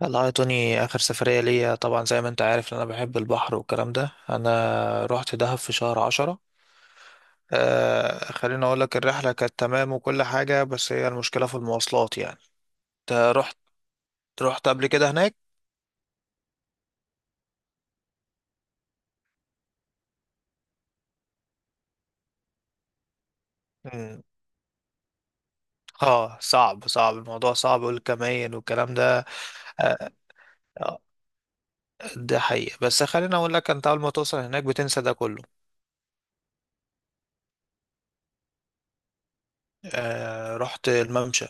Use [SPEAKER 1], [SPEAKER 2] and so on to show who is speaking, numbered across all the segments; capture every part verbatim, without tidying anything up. [SPEAKER 1] والله يا توني، آخر سفرية ليا طبعا زي ما أنت عارف إن أنا بحب البحر والكلام ده. أنا رحت دهب في شهر عشرة. آه، خليني أقول لك، الرحلة كانت تمام وكل حاجة، بس هي المشكلة في المواصلات يعني. أنت رحت رحت قبل كده هناك؟ مم. اه، صعب، صعب الموضوع صعب، والكمين والكلام ده. آه آه، ده حقيقة. بس خليني أقول لك، أنت أول ما توصل هناك بتنسى ده كله. آه، رحت الممشى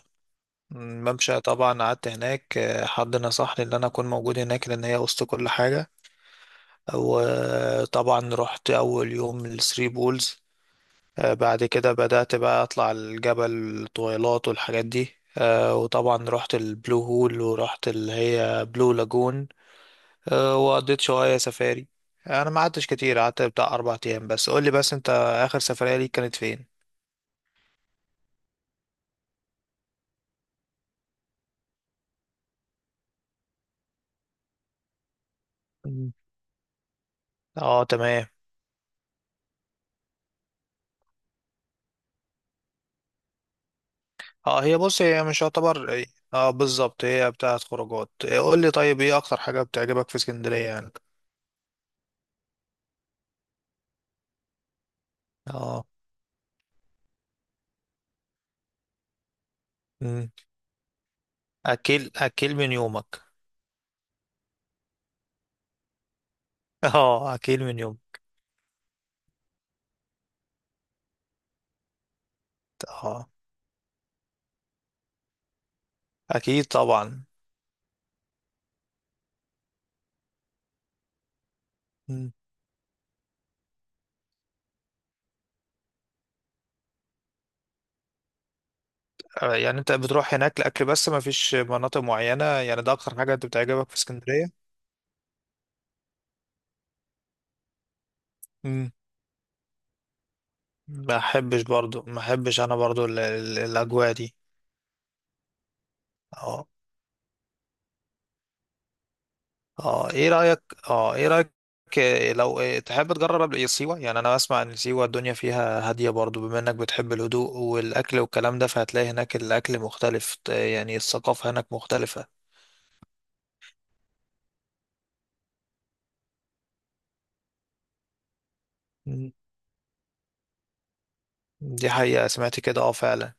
[SPEAKER 1] الممشى طبعا قعدت هناك. آه، حد نصحني ان انا اكون موجود هناك لان هي وسط كل حاجة. وطبعا رحت أول يوم الثري بولز. آه، بعد كده بدأت بقى أطلع الجبل طويلات والحاجات دي. آه، وطبعا رحت البلو هول، ورحت اللي هي بلو لاجون. آه، وقضيت شوية سفاري. أنا ما قعدتش كتير، قعدت بتاع أربع أيام بس. قولي بس أنت، آخر سفرية ليك كانت فين؟ مم. اه تمام. اه، هي بص، هي مش يعتبر. اه بالظبط، هي بتاعت خروجات. قول لي طيب، ايه اكتر حاجة بتعجبك في اسكندرية يعني؟ اه، اكل اكل من يومك. اه، اكل من يومك. اه اكيد طبعا. مم. آه، يعني انت بتروح هناك لاكل بس، ما فيش مناطق معينه؟ يعني ده اكتر حاجه انت بتعجبك في اسكندريه؟ مم. ما احبش برضو، ما احبش انا برضو ال- ال- الاجواء دي. اه. اه ايه رايك؟ اه ايه رايك؟ آه، لو آه، تحب تجرب قبل إيه سيوه؟ يعني انا بسمع ان سيوه الدنيا فيها هاديه برضو، بما انك بتحب الهدوء والاكل والكلام ده، فهتلاقي هناك الاكل مختلف. آه، يعني الثقافه هناك مختلفه. دي حقيقة، سمعت كده، اه فعلا.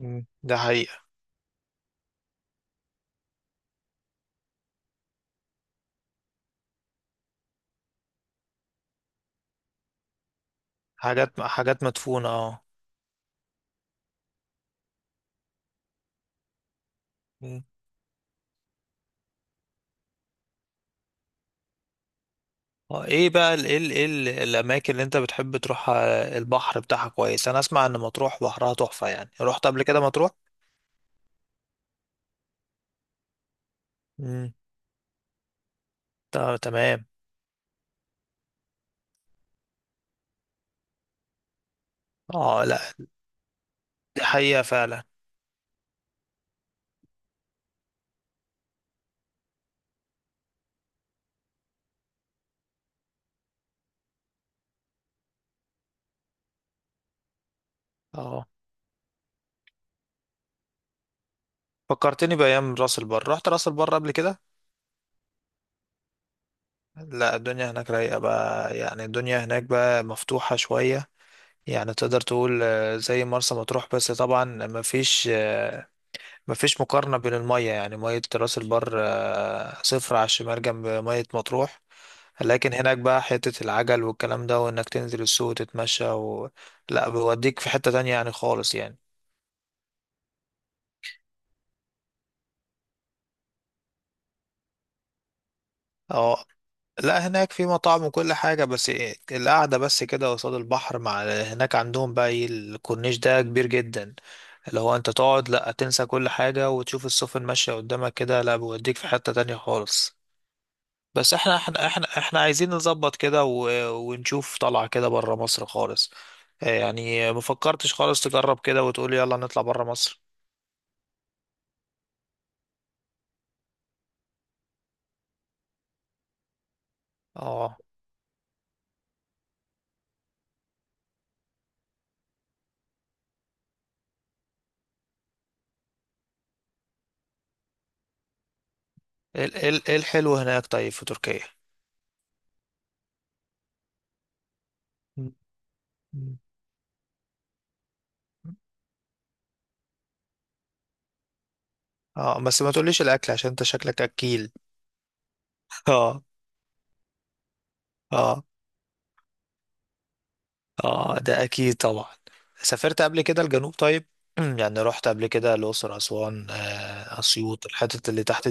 [SPEAKER 1] مم. ده حقيقة. حاجات حاجات مدفونة، اه. مم. اه، ايه بقى ال إيه ال إيه ال الأماكن اللي أنت بتحب تروحها؟ البحر بتاعها كويس. أنا أسمع إن مطروح بحرها تحفة، يعني رحت قبل كده مطروح؟ مم. طب تمام. اه لا، دي حقيقة فعلا. اه، فكرتني بأيام راس البر. رحت راس البر قبل كده؟ لا، الدنيا هناك رايقة بقى، يعني الدنيا هناك بقى مفتوحة شوية. يعني تقدر تقول، آه، زي مرسى مطروح، بس طبعا مفيش مفيش مقارنة بين المية، يعني مية راس البر، آه، صفر على الشمال جنب مية مطروح. لكن هناك بقى حتة العجل والكلام ده، وإنك تنزل السوق وتتمشى و... لا، بيوديك في حتة تانية يعني، خالص يعني. اه لا، هناك في مطاعم وكل حاجة، بس إيه، القعدة بس كده قصاد البحر. مع هناك عندهم بقى ايه، الكورنيش ده كبير جدا. اللي هو انت تقعد، لا تنسى كل حاجة، وتشوف السفن ماشية قدامك كده. لا، بيوديك في حتة تانية خالص. بس احنا احنا احنا احنا عايزين نظبط كده و... ونشوف طلعة كده بره مصر خالص. آه، يعني ما فكرتش خالص تجرب كده وتقول يلا نطلع بره مصر؟ اه، ايه ال- ايه ال- إيه الحلو هناك طيب في تركيا؟ مم. اه، بس ما تقوليش الاكل، عشان انت شكلك اكيل. اه. اه. اه ده اكيد طبعا. سافرت قبل كده الجنوب طيب؟ يعني رحت قبل كده الاقصر، اسوان، آه، اسيوط، الحتت اللي تحت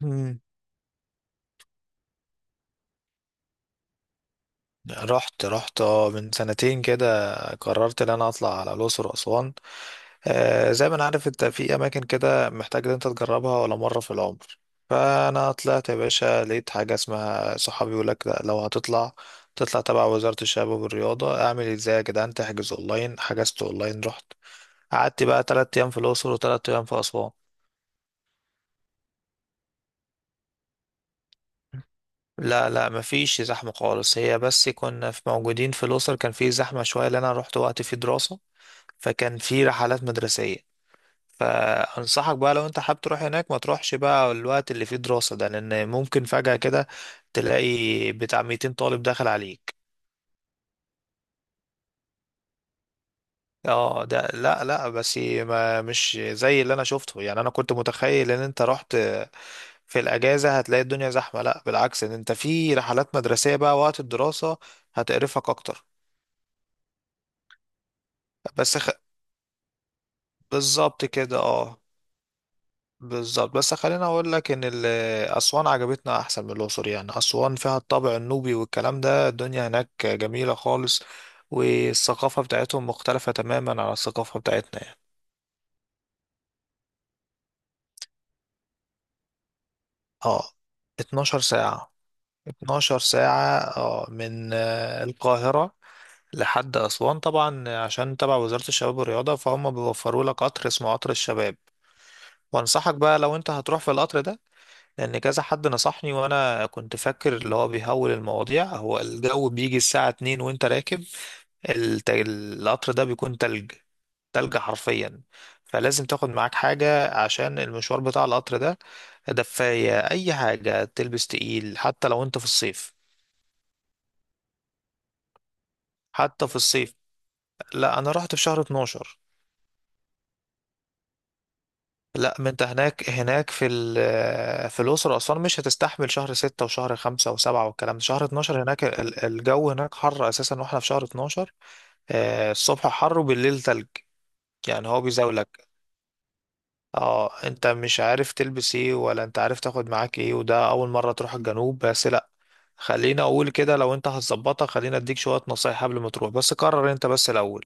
[SPEAKER 1] دي؟ رحت رحت اه، من سنتين كده قررت ان انا اطلع على الاقصر واسوان. آه، زي ما انا عارف، انت في اماكن كده محتاج ان انت تجربها ولا مره في العمر. فانا طلعت يا باشا، لقيت حاجه اسمها صحابي يقول لك، لا، لو هتطلع تطلع تبع وزاره الشباب والرياضه. اعمل ازاي يا جدعان؟ تحجز اونلاين. حجزت اونلاين، رحت. قعدت بقى تلات ايام في الاقصر وتلات ايام في اسوان. لا لا، مفيش زحمة خالص. هي بس كنا في موجودين في الأقصر كان في زحمة شوية، لأن أنا رحت وقت في دراسة، فكان في رحلات مدرسية. فأنصحك بقى، لو أنت حابب تروح هناك، ما تروحش بقى الوقت اللي فيه دراسة ده، لأن ممكن فجأة كده تلاقي بتاع ميتين طالب داخل عليك. اه ده، لا لا، بس ما مش زي اللي انا شفته. يعني انا كنت متخيل ان انت رحت في الاجازه هتلاقي الدنيا زحمه. لا، بالعكس، ان انت في رحلات مدرسيه بقى، وقت الدراسه هتقرفك اكتر. بس خ... بالظبط كده، اه. بالظبط. بس خليني اقول لك ان ال- اسوان عجبتنا احسن من الاقصر. يعني اسوان فيها الطابع النوبي والكلام ده. الدنيا هناك جميله خالص. والثقافه بتاعتهم مختلفه تماما عن الثقافه بتاعتنا يعني. اه. اتناشر ساعه. 12 ساعه اه، من آه، القاهره لحد اسوان. طبعا عشان تبع وزاره الشباب والرياضه، فهم بيوفروا لك قطر اسمه قطر الشباب. وانصحك بقى لو انت هتروح في القطر ده، لان كذا حد نصحني وانا كنت فاكر اللي هو بيهول المواضيع، هو الجو بيجي الساعة اتنين وانت راكب الت- القطر ده بيكون تلج. تلج حرفيا. فلازم تاخد معاك حاجة عشان المشوار بتاع القطر ده. دفاية، أي حاجة تلبس تقيل، حتى لو أنت في الصيف. حتى في الصيف. لا، أنا رحت في شهر اثنا عشر. لا، ما انت هناك، هناك في ال- في الأقصر وأسوان مش هتستحمل شهر ستة وشهر خمسة وسبعة والكلام ده. شهر اتناشر هناك ال- الجو هناك حر أساسا، واحنا في شهر اتناشر. آه، الصبح حر وبالليل تلج، يعني هو بيزاولك. اه، انت مش عارف تلبس ايه، ولا انت عارف تاخد معاك ايه، وده أول مرة تروح الجنوب بس. لا، خلينا أقول كده، لو انت هتظبطها، خلينا اديك شوية نصايح قبل ما تروح. بس قرر انت بس الأول.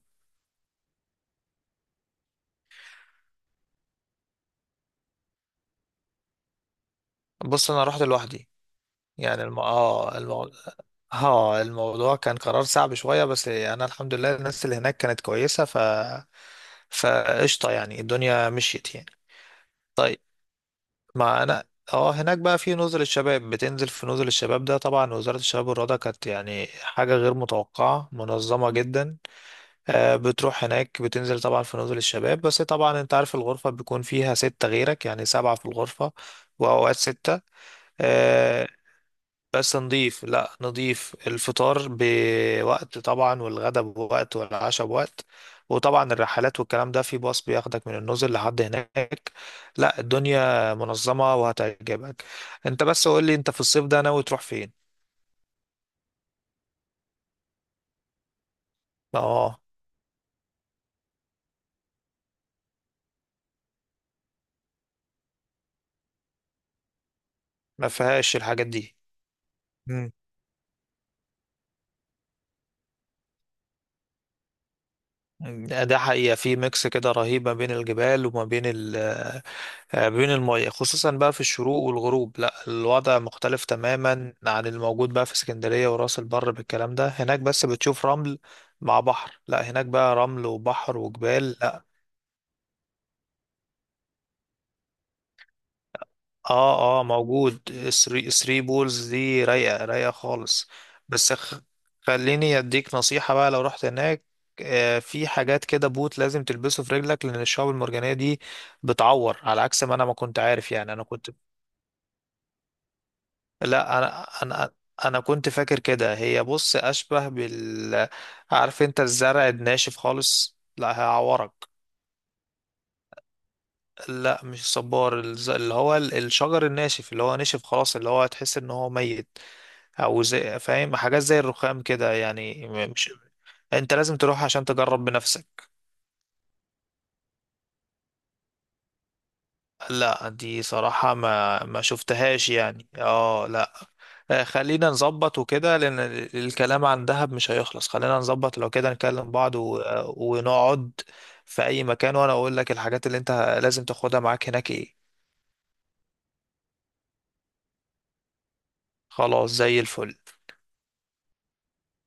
[SPEAKER 1] بص، أنا رحت لوحدي. يعني الم... اه المو... اه، الموضوع كان قرار صعب شوية، بس انا الحمد لله، الناس اللي هناك كانت كويسة. ف فقشطة يعني، الدنيا مشيت يعني. طيب، ما انا، اه، هناك بقى في نزل الشباب، بتنزل في نزل الشباب ده. طبعا وزارة الشباب والرياضة كانت يعني حاجة غير متوقعة، منظمة جدا. آه، بتروح هناك، بتنزل طبعا في نزل الشباب، بس طبعا انت عارف الغرفة بيكون فيها ستة غيرك، يعني سبعة في الغرفة. وأوقات ستة. آه، بس نضيف. لا نضيف. الفطار بوقت طبعا، والغدا بوقت، والعشاء بوقت. وطبعا الرحلات والكلام ده في باص بياخدك من النزل لحد هناك. لا، الدنيا منظمة وهتعجبك. انت بس قول لي، انت في الصيف ده ناوي تروح فين؟ اه، ما فيهاش الحاجات دي. مم. ده حقيقة، في ميكس كده رهيب ما بين الجبال وما بين ال آه، بين المية. خصوصا بقى في الشروق والغروب، لا الوضع مختلف تماما عن الموجود بقى في اسكندرية وراس البر بالكلام ده. هناك بس بتشوف رمل مع بحر. لا، هناك بقى رمل وبحر وجبال. لا. اه اه، موجود. الثري الثري بولز دي رايقة، رايقة خالص. بس خ... خليني اديك نصيحة بقى لو رحت هناك. آه، في حاجات كده، بوت لازم تلبسه في رجلك، لان الشعاب المرجانية دي بتعور على عكس ما انا ما كنت عارف. يعني انا كنت، لا انا انا انا كنت فاكر كده. هي بص اشبه بال عارف انت الزرع الناشف خالص؟ لا هيعورك. لا مش صبار، الز- اللي هو ال- الشجر الناشف اللي هو نشف خلاص، اللي هو تحس ان هو ميت. او زي، فاهم، حاجات زي الرخام كده، يعني م- مش، انت لازم تروح عشان تجرب بنفسك. لا دي صراحة ما ما شفتهاش يعني، اه لا. آه، خلينا نظبط وكده، لأن ال- الكلام عن دهب مش هيخلص. خلينا نظبط لو كده، نكلم بعض و... ونقعد في أي مكان، وأنا أقول لك الحاجات اللي أنت لازم تاخدها معاك هناك إيه. خلاص، زي الفل.